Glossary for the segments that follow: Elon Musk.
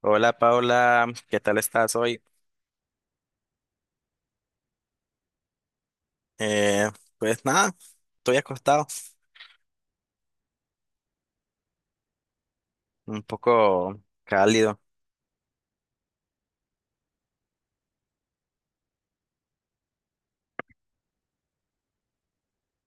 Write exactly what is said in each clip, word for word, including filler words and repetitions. Hola Paula, ¿qué tal estás hoy? Eh, pues nada, estoy acostado, un poco cálido,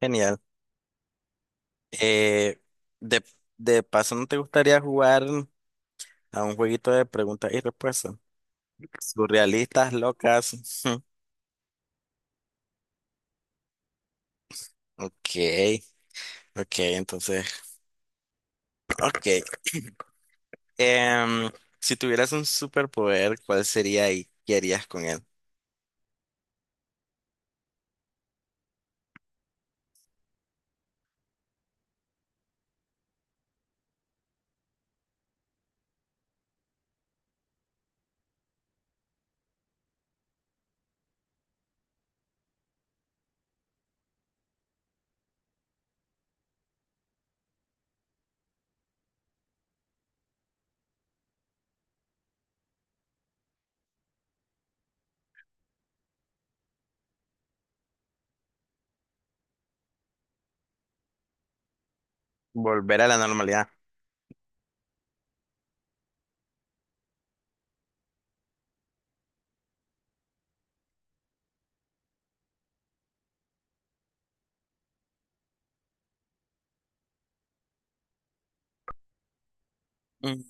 genial. Eh, de, de paso, ¿no te gustaría jugar a un jueguito de preguntas y respuestas? Surrealistas, locas. Ok, ok, entonces, ok. Em, si tuvieras un superpoder, ¿cuál sería y qué harías con él? Volver a la normalidad. Mm.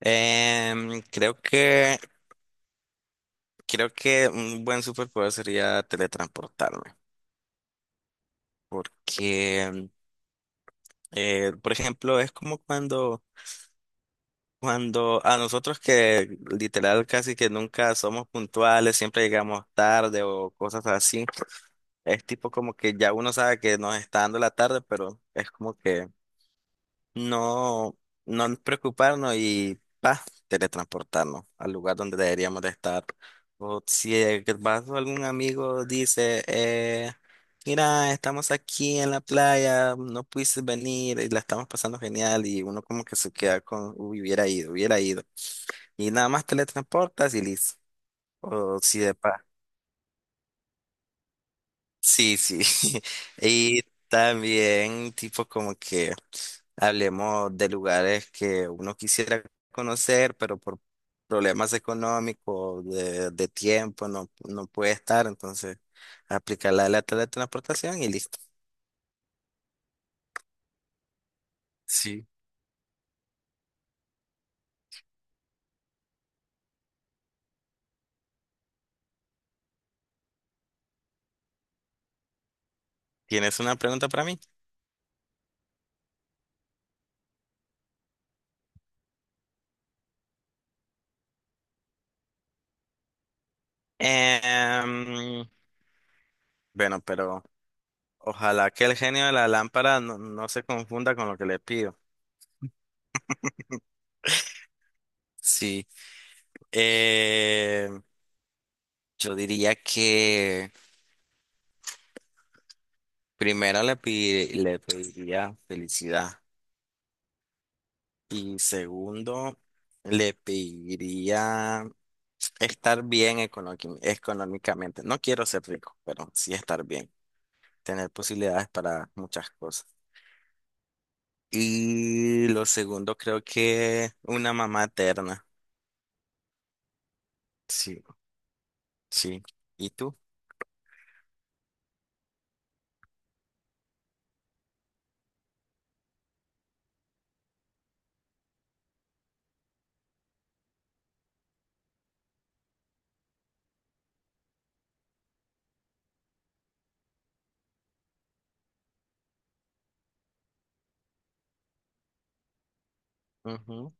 Em, creo que Creo que un buen superpoder sería teletransportarme, porque, eh, por ejemplo, es como cuando, cuando a nosotros que literal casi que nunca somos puntuales, siempre llegamos tarde o cosas así, es tipo como que ya uno sabe que nos está dando la tarde, pero es como que no, no preocuparnos y pa, teletransportarnos al lugar donde deberíamos de estar. O si eh, que vas o algún amigo dice, eh, mira, estamos aquí en la playa, no pudiste venir y la estamos pasando genial y uno como que se queda con, "Uy, hubiera ido, hubiera ido". Y nada más teletransportas y listo. O si de sí, sí. Y también tipo como que hablemos de lugares que uno quisiera conocer, pero por problemas económicos, de, de tiempo, no, no puede estar. Entonces, aplicar la de la teletransportación y listo. Sí. ¿Tienes una pregunta para mí? Em, bueno, pero ojalá que el genio de la lámpara no, no se confunda con lo que le pido. Sí. Em, yo diría que... Primero le, pi- le pediría felicidad y segundo le pediría estar bien econóqui- económicamente. No quiero ser rico, pero sí estar bien, tener posibilidades para muchas cosas. Y lo segundo creo que una mamá eterna. Sí, sí. ¿Y tú? Ujú.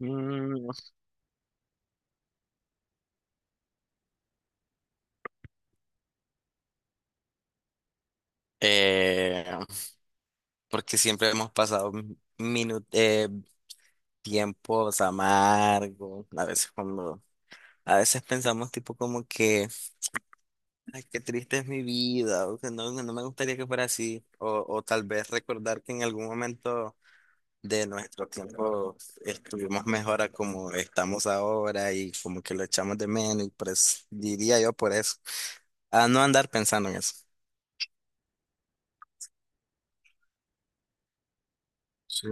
Mm, eh, porque siempre hemos pasado minu- eh, tiempos amargos, a veces cuando a veces pensamos tipo como que, ay, qué triste es mi vida, o que no, no me gustaría que fuera así, o, o tal vez recordar que en algún momento de nuestro tiempo estuvimos mejor a como estamos ahora y como que lo echamos de menos, y pues diría yo por eso, a no andar pensando en eso. Sí.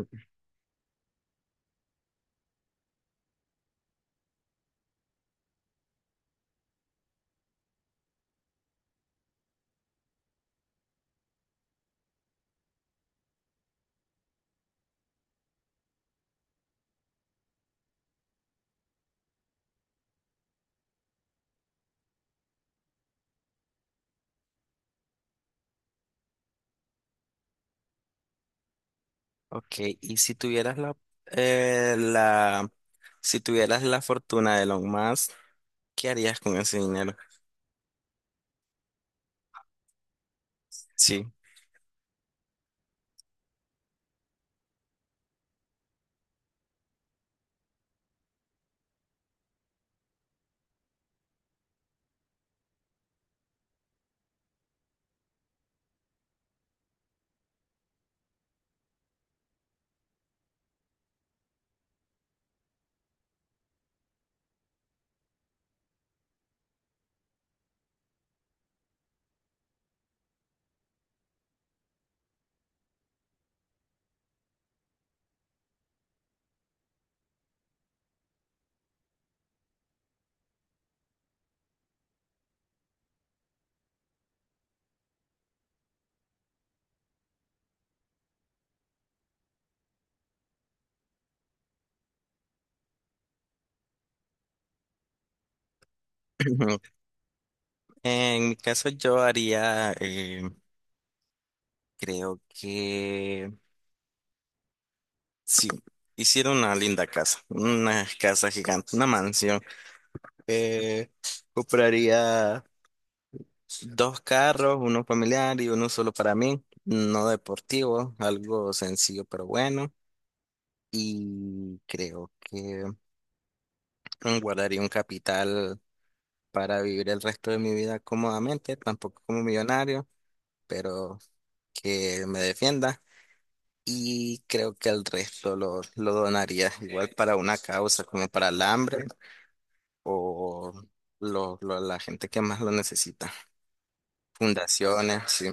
Ok, y si tuvieras la, eh, la, si tuvieras la fortuna de Elon Musk, ¿qué harías con ese dinero? Sí. En mi caso yo haría eh, creo que sí, hicieron una linda casa, una casa gigante, una mansión. Eh, Compraría dos carros, uno familiar y uno solo para mí, no deportivo, algo sencillo pero bueno. Y creo que guardaría un capital para vivir el resto de mi vida cómodamente, tampoco como millonario, pero que me defienda. Y creo que el resto lo, lo donaría igual para una causa como para el hambre o lo, lo- la gente que más lo necesita. Fundaciones, sí,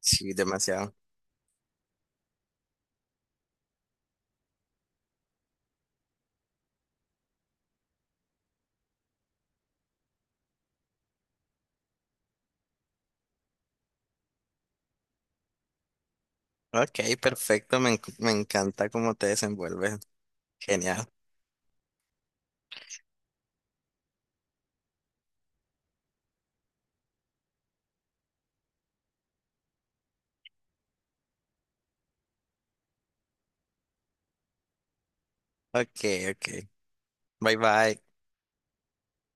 sí, demasiado. Ok, perfecto, me, enc- me encanta cómo te desenvuelves. Genial. Ok, ok. Bye bye.